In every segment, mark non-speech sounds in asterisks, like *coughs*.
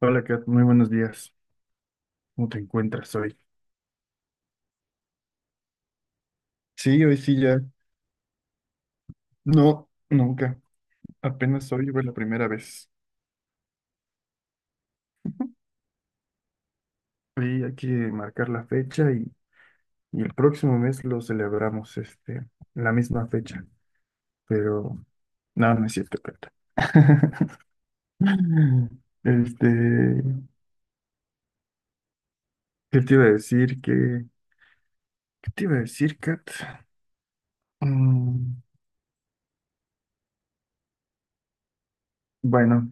Hola Kat, muy buenos días. ¿Cómo te encuentras hoy? Sí, hoy sí ya. No, nunca. Apenas hoy fue la primera vez. Hoy hay que marcar la fecha y el próximo mes lo celebramos, la misma fecha. Pero no, no es cierto, Kat. *laughs* Este, ¿qué te iba a decir? ¿Qué te iba a decir, Kat? Mm, bueno,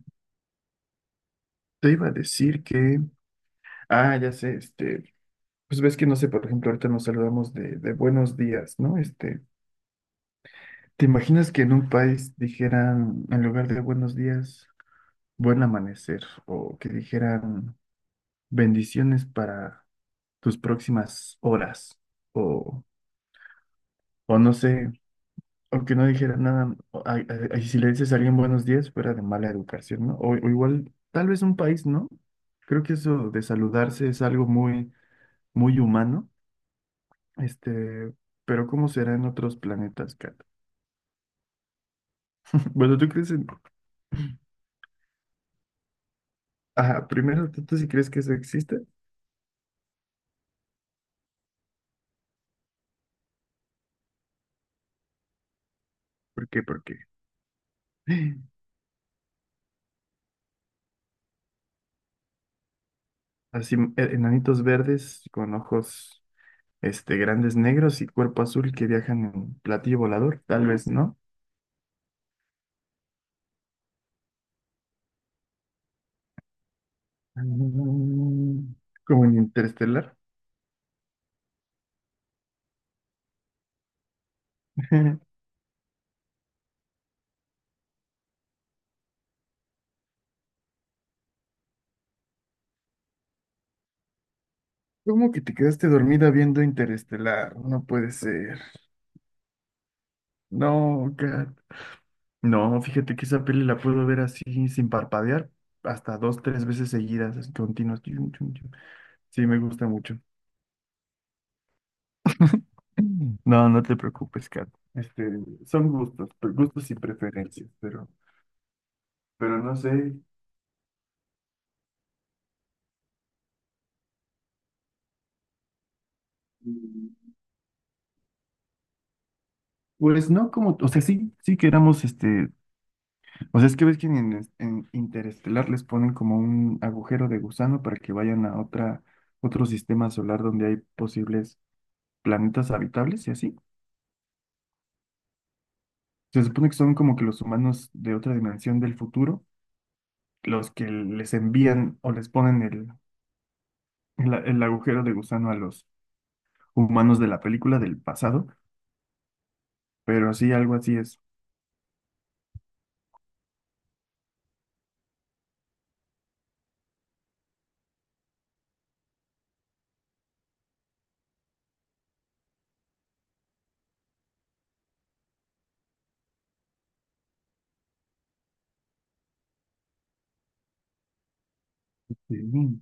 te iba a decir que, ah, ya sé. Pues ves que no sé, por ejemplo, ahorita nos saludamos de, buenos días, ¿no? ¿Te imaginas que en un país dijeran, en lugar de buenos días, buen amanecer, o que dijeran bendiciones para tus próximas horas, o, o no sé, o que no dijeran nada, o y si le dices a alguien buenos días, fuera de mala educación, ¿no? O igual, tal vez un país, ¿no? Creo que eso de saludarse es algo muy, muy humano, este, pero ¿cómo será en otros planetas, Kat? Bueno, ¿tú crees en... Ajá, primero, ¿tú sí crees que eso existe? ¿Por qué? Porque *gasps* así, enanitos verdes con ojos grandes negros y cuerpo azul que viajan en platillo volador, tal vez, ¿no? Mm, Como en Interestelar. *laughs* ¿Cómo que te quedaste dormida viendo Interestelar? No puede ser. No, Kat. No, fíjate que esa peli la puedo ver así, sin parpadear, hasta dos, tres veces seguidas, así, continuas. Chum, chum, chum. Sí, me gusta mucho. No, no te preocupes, Kat. Son gustos, gustos y preferencias, pero, no sé. mm, Pues no como, o sea, sí, sí que éramos, o sea, es que ves que en Interestelar les ponen como un agujero de gusano para que vayan a otra, otro sistema solar donde hay posibles planetas habitables y así. Se supone que son como que los humanos de otra dimensión del futuro, los que les envían o les ponen el agujero de gusano humanos de la película del pasado, pero sí, algo así es. Mm,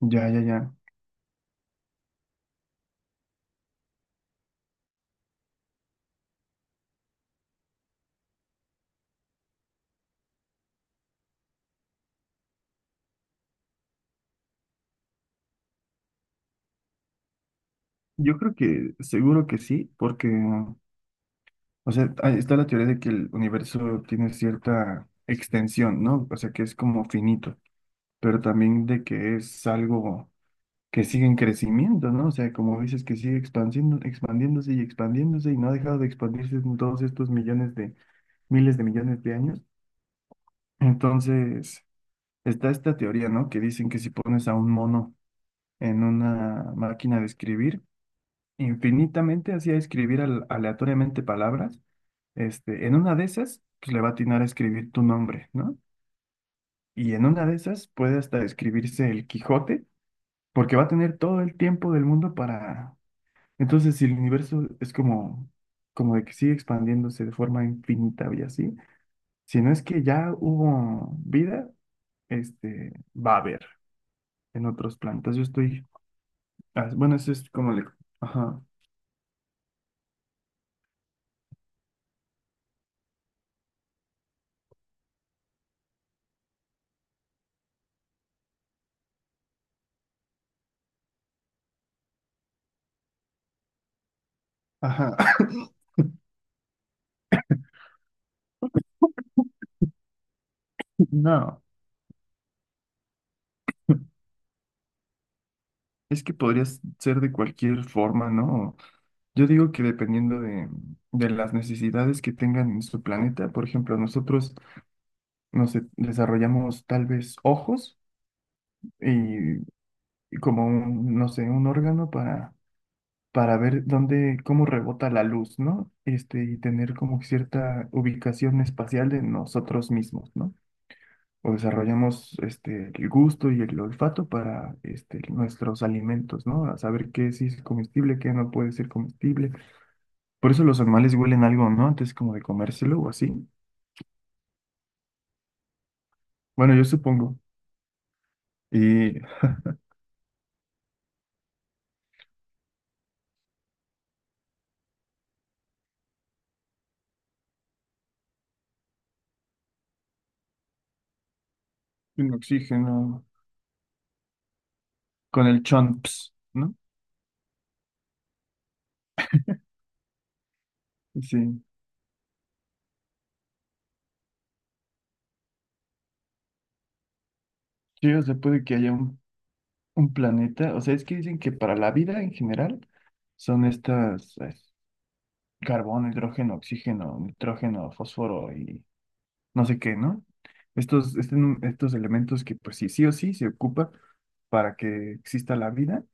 Ya, ya, ya. Yo creo que seguro que sí, porque, o sea, ahí está la teoría de que el universo tiene cierta extensión, ¿no? O sea, que es como finito, pero también de que es algo que sigue en crecimiento, ¿no? O sea, como dices, que sigue expandiendo, expandiéndose y expandiéndose y no ha dejado de expandirse en todos estos millones de, miles de millones de años. Entonces, está esta teoría, ¿no? Que dicen que si pones a un mono en una máquina de escribir infinitamente, hacía escribir aleatoriamente palabras. En una de esas, pues le va a atinar a escribir tu nombre, ¿no? Y en una de esas puede hasta escribirse el Quijote, porque va a tener todo el tiempo del mundo para... Entonces, si el universo es como de que sigue expandiéndose de forma infinita y así, si no es que ya hubo vida, va a haber en otros planetas. Yo estoy... ah, bueno, eso es como le... Ajá, ajá. *coughs* No, es que podrías ser de cualquier forma, ¿no? Yo digo que dependiendo de, las necesidades que tengan en su planeta, por ejemplo, nosotros nos desarrollamos tal vez ojos y, y, como un, no sé, un órgano para ver dónde, cómo rebota la luz, ¿no? Y tener como cierta ubicación espacial de nosotros mismos, ¿no? O desarrollamos el gusto y el olfato para nuestros alimentos, ¿no? A saber qué sí es comestible, qué no puede ser comestible. Por eso los animales huelen algo, ¿no? Antes como de comérselo o así. Bueno, yo supongo. Y sin oxígeno, con el chomps, ¿no? Sí. Sí, o sea, puede que haya un, planeta. O sea, es que dicen que para la vida en general son estas carbón, hidrógeno, oxígeno, nitrógeno, fósforo y no sé qué, ¿no? Estos, este- estos elementos que pues sí, sí o sí se ocupa para que exista la vida,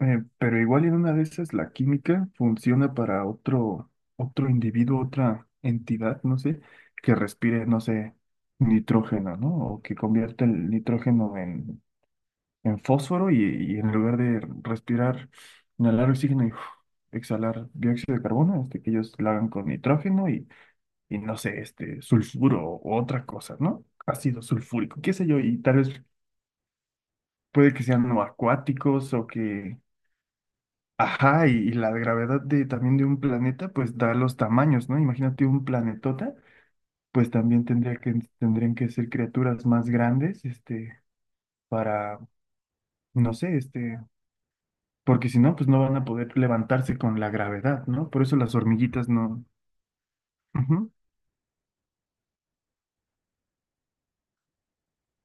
pero igual en una de esas la química funciona para otro, individuo, otra entidad, no sé, que respire, no sé, nitrógeno, ¿no? O que convierta el nitrógeno en, fósforo y en lugar de respirar, inhalar oxígeno y uf, exhalar dióxido de carbono, que ellos lo hagan con nitrógeno y no sé, sulfuro o otra cosa, ¿no? Ácido sulfúrico, qué sé yo, y tal vez puede que sean no acuáticos o que, ajá, y la gravedad de, también de un planeta, pues da los tamaños, ¿no? Imagínate un planetota, pues también tendría que, tendrían que ser criaturas más grandes, para, no sé, porque si no, pues no van a poder levantarse con la gravedad, ¿no? Por eso las hormiguitas no. Ujú.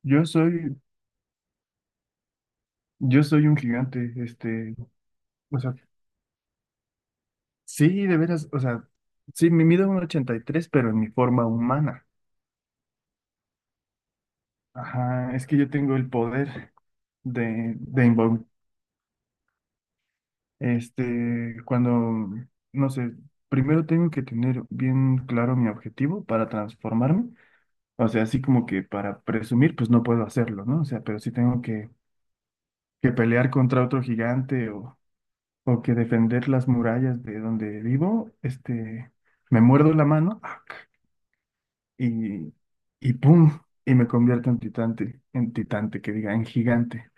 Yo soy, yo soy, un gigante, o sea, sí, de veras, o sea, sí, me mido 1,83, pero en mi forma humana. Ajá, es que yo tengo el poder de . Cuando, no sé, primero tengo que tener bien claro mi objetivo para transformarme. O sea, así como que para presumir, pues no puedo hacerlo, ¿no? O sea, pero sí tengo que, pelear contra otro gigante o que defender las murallas de donde vivo. Me muerdo la mano y, y ¡pum! Y me convierto en titante, que diga, en gigante.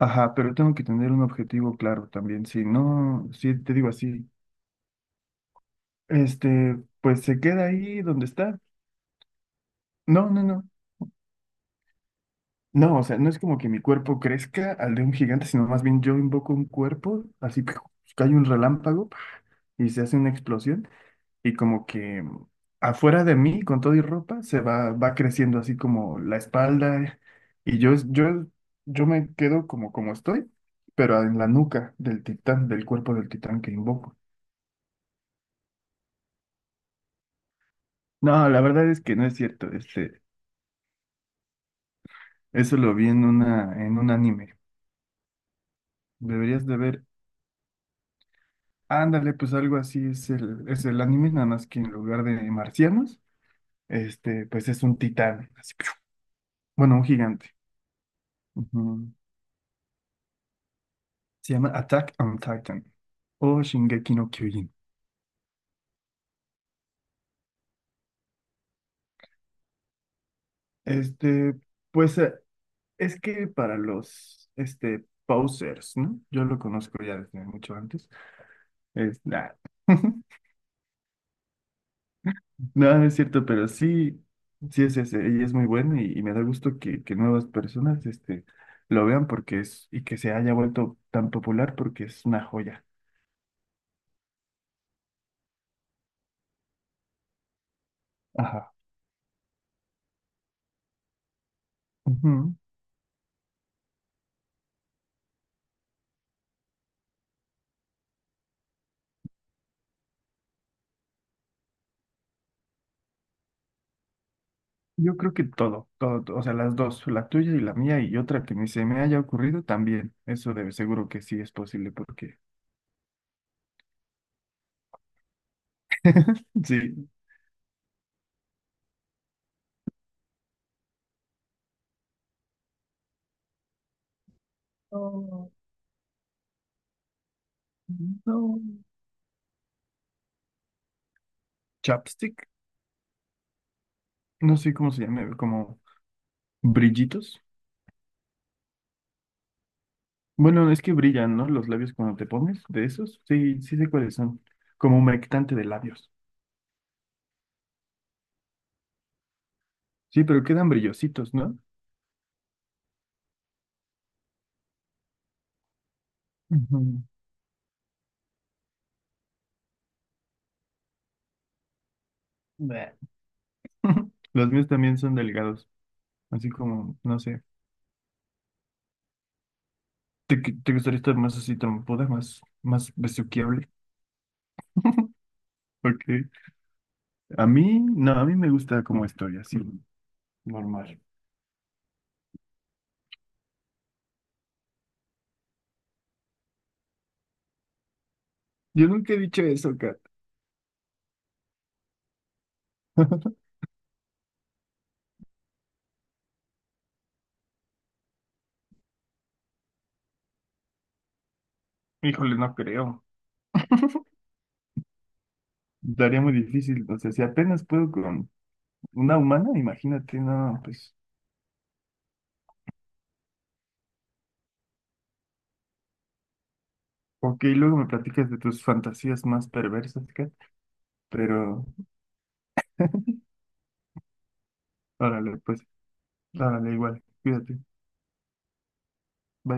Ajá, pero tengo que tener un objetivo claro también. Si no, si te digo así, pues se queda ahí donde está. No, no, no. No, o sea, no es como que mi cuerpo crezca al de un gigante, sino más bien yo invoco un cuerpo, así, ¡piu! Cae un relámpago y se hace una explosión y como que afuera de mí, con todo y ropa, va creciendo así como la espalda y yo me quedo como estoy, pero en la nuca del titán, del cuerpo del titán que invoco. No, la verdad es que no es cierto, eso lo vi en una, en un anime. Deberías de ver, ándale, pues algo así es es el anime, nada más que en lugar de marcianos, pues es un titán, así, *smacks lips* bueno, un gigante. Ujú. Se llama Attack on Titan o Shingeki no Kyojin. Este, pues es que para los posers, ¿no? Yo lo conozco ya desde mucho antes. Nah. *laughs* No, no es cierto, pero sí, sí es ese, y es muy bueno, y, me da gusto que nuevas personas lo vean porque es, y que se haya vuelto tan popular porque es una joya. Ajá. Ujú. Yo creo que todo, todo, todo, o sea, las dos, la tuya y la mía y otra que ni se me haya ocurrido también. Eso debe, seguro que sí es posible porque sí. No, no. Chapstick, no sé cómo se llama, como brillitos. Bueno, es que brillan, ¿no? Los labios cuando te pones de esos. Sí, sí sé cuáles son. Como humectante de labios. Sí, pero quedan brillositos, ¿no? Ujú. Bleh. *laughs* Los míos también son delgados, así como, no sé. ¿Te gustaría estar más así trompuda, más, más besuqueable? Porque a mí, no, a mí me gusta como estoy, así, normal. Yo nunca he dicho eso, Kat. *laughs* Híjole, no creo. Daría muy difícil. O sea, si apenas puedo con una humana, imagínate, no, pues. Ok, luego me platicas de tus fantasías más perversas, Kat. Pero, órale, pues, órale, igual. Cuídate. Bye.